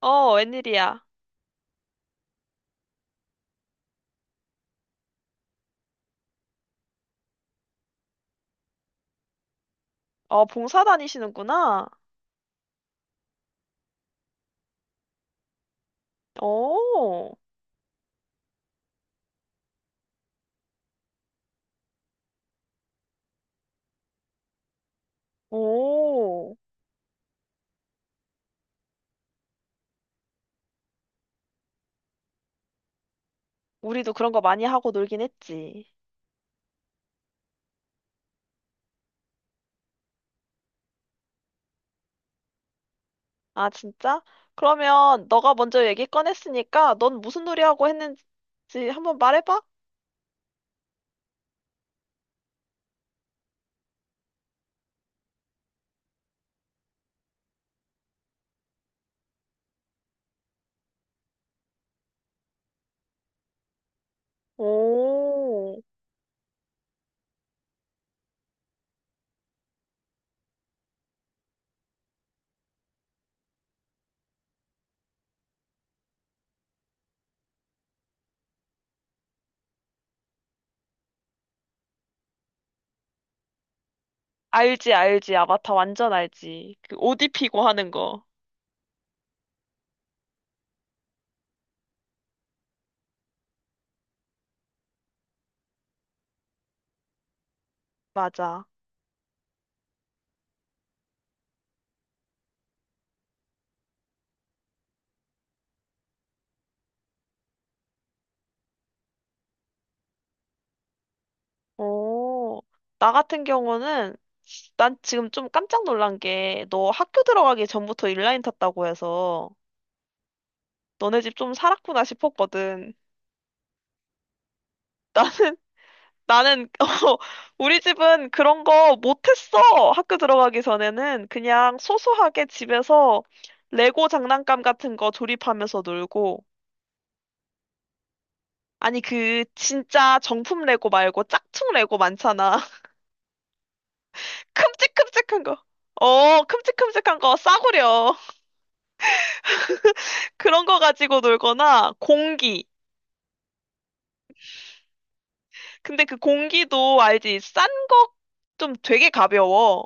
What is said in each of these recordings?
어, 웬일이야? 어, 봉사 다니시는구나. 오, 오. 우리도 그런 거 많이 하고 놀긴 했지. 아, 진짜? 그러면 너가 먼저 얘기 꺼냈으니까 넌 무슨 놀이 하고 했는지 한번 말해봐. 오, 알지, 알지. 아바타 완전 알지. 그 옷 입히고 하는 거. 맞아. 오, 나 같은 경우는 난 지금 좀 깜짝 놀란 게 너 학교 들어가기 전부터 인라인 탔다고 해서 너네 집 좀 살았구나 싶었거든. 나, 나는, 어, 우리 집은 그런 거 못했어. 학교 들어가기 전에는 그냥 소소하게 집에서 레고 장난감 같은 거 조립하면서 놀고. 아니, 그, 진짜 정품 레고 말고 짝퉁 레고 많잖아. 큼직큼직한 거. 어, 큼직큼직한 거 싸구려. 그런 거 가지고 놀거나 공기. 근데 그 공기도 알지? 싼 거 좀 되게 가벼워.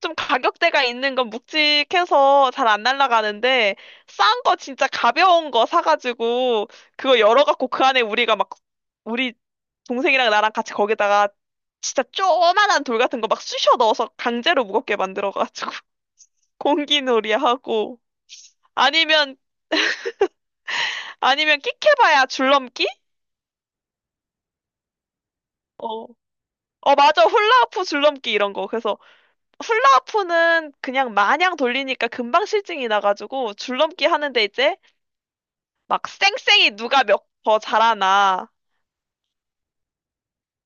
좀 가격대가 있는 건 묵직해서 잘 안 날아가는데 싼 거 진짜 가벼운 거 사가지고 그거 열어갖고 그 안에 우리가 막 우리 동생이랑 나랑 같이 거기다가 진짜 쪼만한 돌 같은 거 막 쑤셔 넣어서 강제로 무겁게 만들어가지고 공기놀이 하고 아니면 아니면 끽해봐야 줄넘기? 어. 어, 맞아. 훌라후프 줄넘기 이런 거. 그래서 훌라후프는 그냥 마냥 돌리니까 금방 실증이 나가지고 줄넘기 하는데 이제 막 쌩쌩이 누가 몇 더 잘하나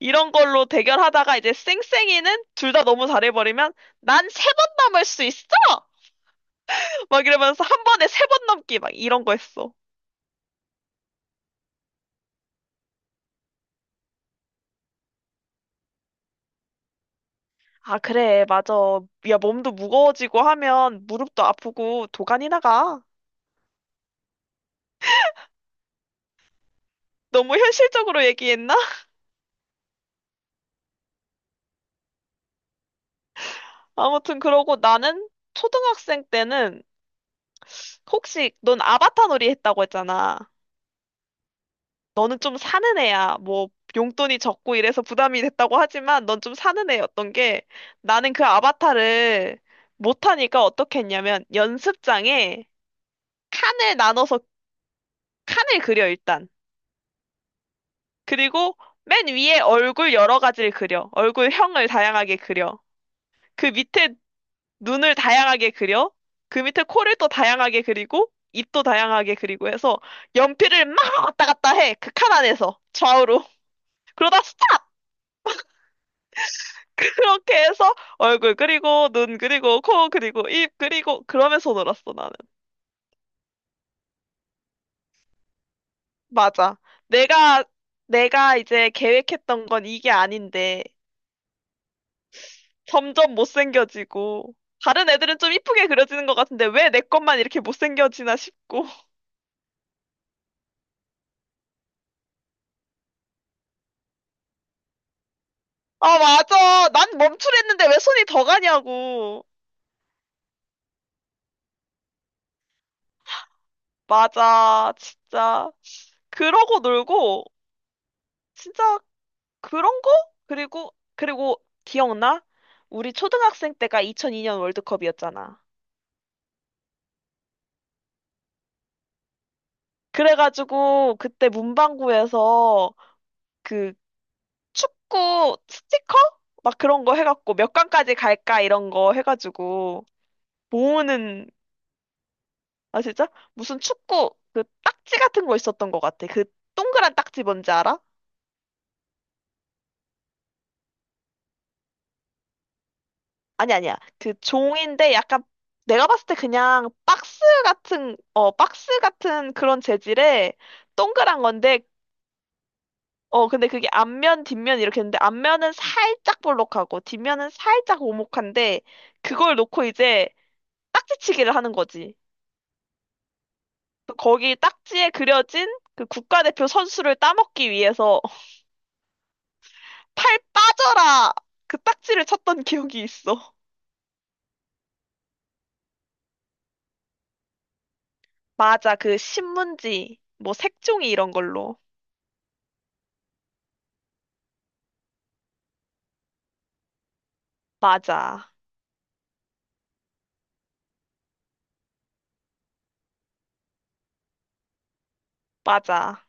이런 걸로 대결하다가 이제 쌩쌩이는 둘 다 너무 잘해버리면 난 세 번 넘을 수 있어! 막 이러면서 한 번에 세 번 넘기 막 이런 거 했어. 아, 그래, 맞아. 야, 몸도 무거워지고 하면 무릎도 아프고 도가니 나가. 너무 현실적으로 얘기했나? 아무튼 그러고 나는 초등학생 때는 혹시 넌 아바타 놀이 했다고 했잖아. 너는 좀 사는 애야. 뭐 용돈이 적고 이래서 부담이 됐다고 하지만 넌 좀 사는 애였던 게 나는 그 아바타를 못하니까 어떻게 했냐면 연습장에 칸을 나눠서 칸을 그려 일단. 그리고 맨 위에 얼굴 여러 가지를 그려. 얼굴형을 다양하게 그려. 그 밑에 눈을 다양하게 그려. 그 밑에 코를 또 다양하게 그리고 입도 다양하게 그리고 해서 연필을 막 왔다 갔다 해. 그 칸 안에서 좌우로. 그러다 그렇게 해서 얼굴 그리고 눈 그리고 코 그리고 입 그리고 그러면서 놀았어 나는. 맞아. 내가 내가 이제 계획했던 건 이게 아닌데 점점 못생겨지고 다른 애들은 좀 이쁘게 그려지는 것 같은데 왜 내 것만 이렇게 못생겨지나 싶고. 아 맞아. 난 멈추랬는데 왜 손이 더 가냐고. 맞아. 진짜. 그러고 놀고 진짜 그런 거? 그리고 기억나? 우리 초등학생 때가 2002년 월드컵이었잖아. 그래가지고 그때 문방구에서 그 축구 스티커? 막 그런 거 해갖고 몇 강까지 갈까 이런 거 해가지고 모으는, 아 진짜? 무슨 축구 그 딱지 같은 거 있었던 것 같아. 그 동그란 딱지 뭔지 알아? 아니 아니야. 그 종인데 약간 내가 봤을 때 그냥 박스 같은 어 박스 같은 그런 재질의 동그란 건데 어 근데 그게 앞면 뒷면 이렇게 있는데 앞면은 살짝 볼록하고 뒷면은 살짝 오목한데 그걸 놓고 이제 딱지치기를 하는 거지. 그 거기 딱지에 그려진 그 국가대표 선수를 따먹기 위해서 팔 빠져라 그 딱지를 쳤던 기억이 있어. 맞아. 그 신문지 뭐 색종이 이런 걸로. 맞아. 맞아.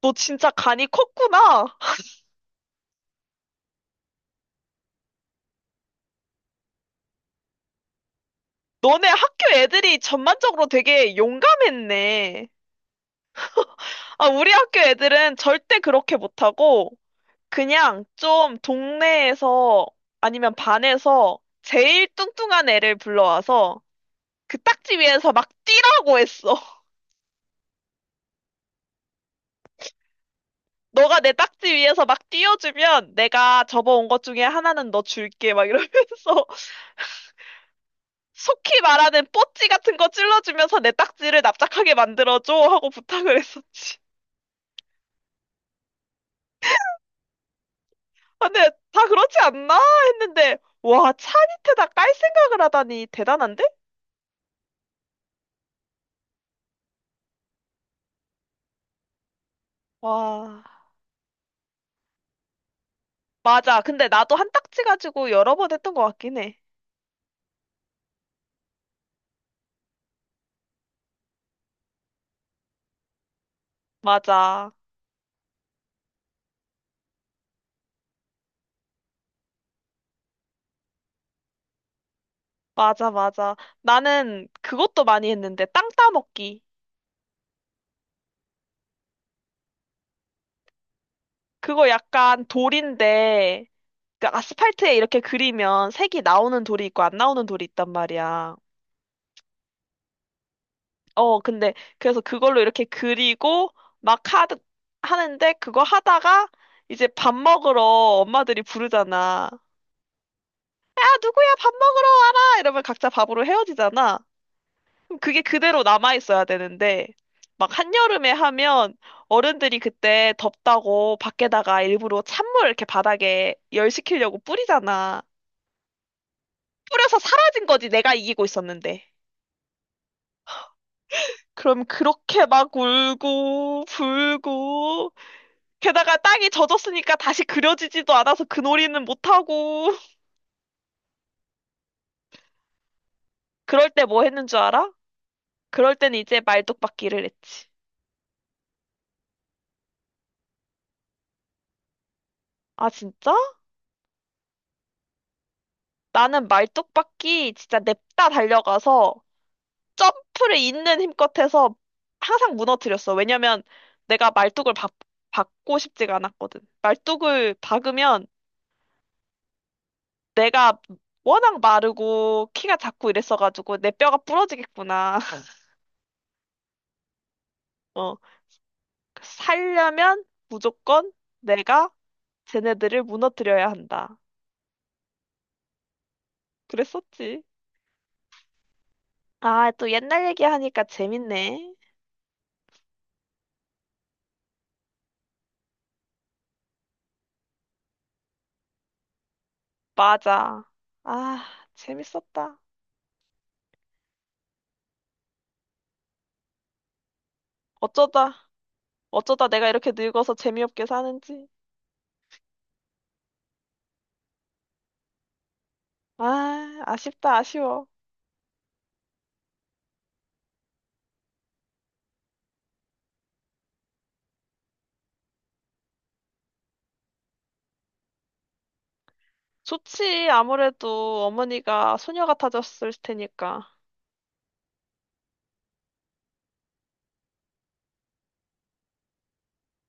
너 진짜 간이 컸구나. 너네 학교 애들이 전반적으로 되게 용감했네. 아, 우리 학교 애들은 절대 그렇게 못하고, 그냥 좀 동네에서 아니면 반에서 제일 뚱뚱한 애를 불러와서 그 딱지 위에서 막 뛰라고 했어. 너가 내 딱지 위에서 막 뛰어주면 내가 접어온 것 중에 하나는 너 줄게. 막 이러면서. 속히 말하는 뽀찌 같은 거 찔러주면서 내 딱지를 납작하게 만들어줘 하고 부탁을 했었지. 아, 근데 다 그렇지 않나 했는데 와, 찬이트다 깔 생각을 하다니 대단한데? 와, 맞아. 근데 나도 한 딱지 가지고 여러 번 했던 것 같긴 해. 맞아. 맞아. 나는 그것도 많이 했는데 땅 따먹기. 그거 약간 돌인데 그 아스팔트에 이렇게 그리면 색이 나오는 돌이 있고 안 나오는 돌이 있단 말이야. 어, 근데 그래서 그걸로 이렇게 그리고 막 하는데 그거 하다가 이제 밥 먹으러 엄마들이 부르잖아. 야, 누구야 밥 먹으러 와라! 이러면 각자 밥으로 헤어지잖아. 그럼 그게 그대로 남아있어야 되는데 막 한여름에 하면 어른들이 그때 덥다고 밖에다가 일부러 찬물 이렇게 바닥에 열시키려고 뿌리잖아. 뿌려서 사라진 거지 내가 이기고 있었는데. 그럼 그렇게 막 울고 불고 게다가 땅이 젖었으니까 다시 그려지지도 않아서 그 놀이는 못하고. 그럴 때 뭐 했는 줄 알아? 그럴 땐 이제 말뚝박기를 했지. 아, 진짜? 나는 말뚝박기 진짜 냅다 달려가서 점프를 있는 힘껏 해서 항상 무너뜨렸어. 왜냐면 내가 말뚝을 박, 박고 싶지가 않았거든. 말뚝을 박으면 내가 워낙 마르고 키가 작고 이랬어가지고 내 뼈가 부러지겠구나. 어, 살려면 무조건 내가 쟤네들을 무너뜨려야 한다. 그랬었지. 아, 또 옛날 얘기하니까 재밌네. 맞아. 아, 재밌었다. 어쩌다, 어쩌다 내가 이렇게 늙어서 재미없게 사는지. 아, 아쉽다, 아쉬워. 좋지. 아무래도 어머니가 소녀 같아졌을 테니까.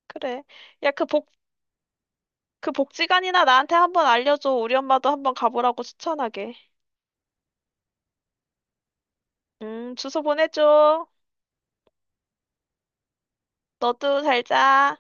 그래. 야, 그 복, 그 복지관이나 나한테 한번 알려줘. 우리 엄마도 한번 가보라고 추천하게. 주소 보내줘. 너도 잘 자.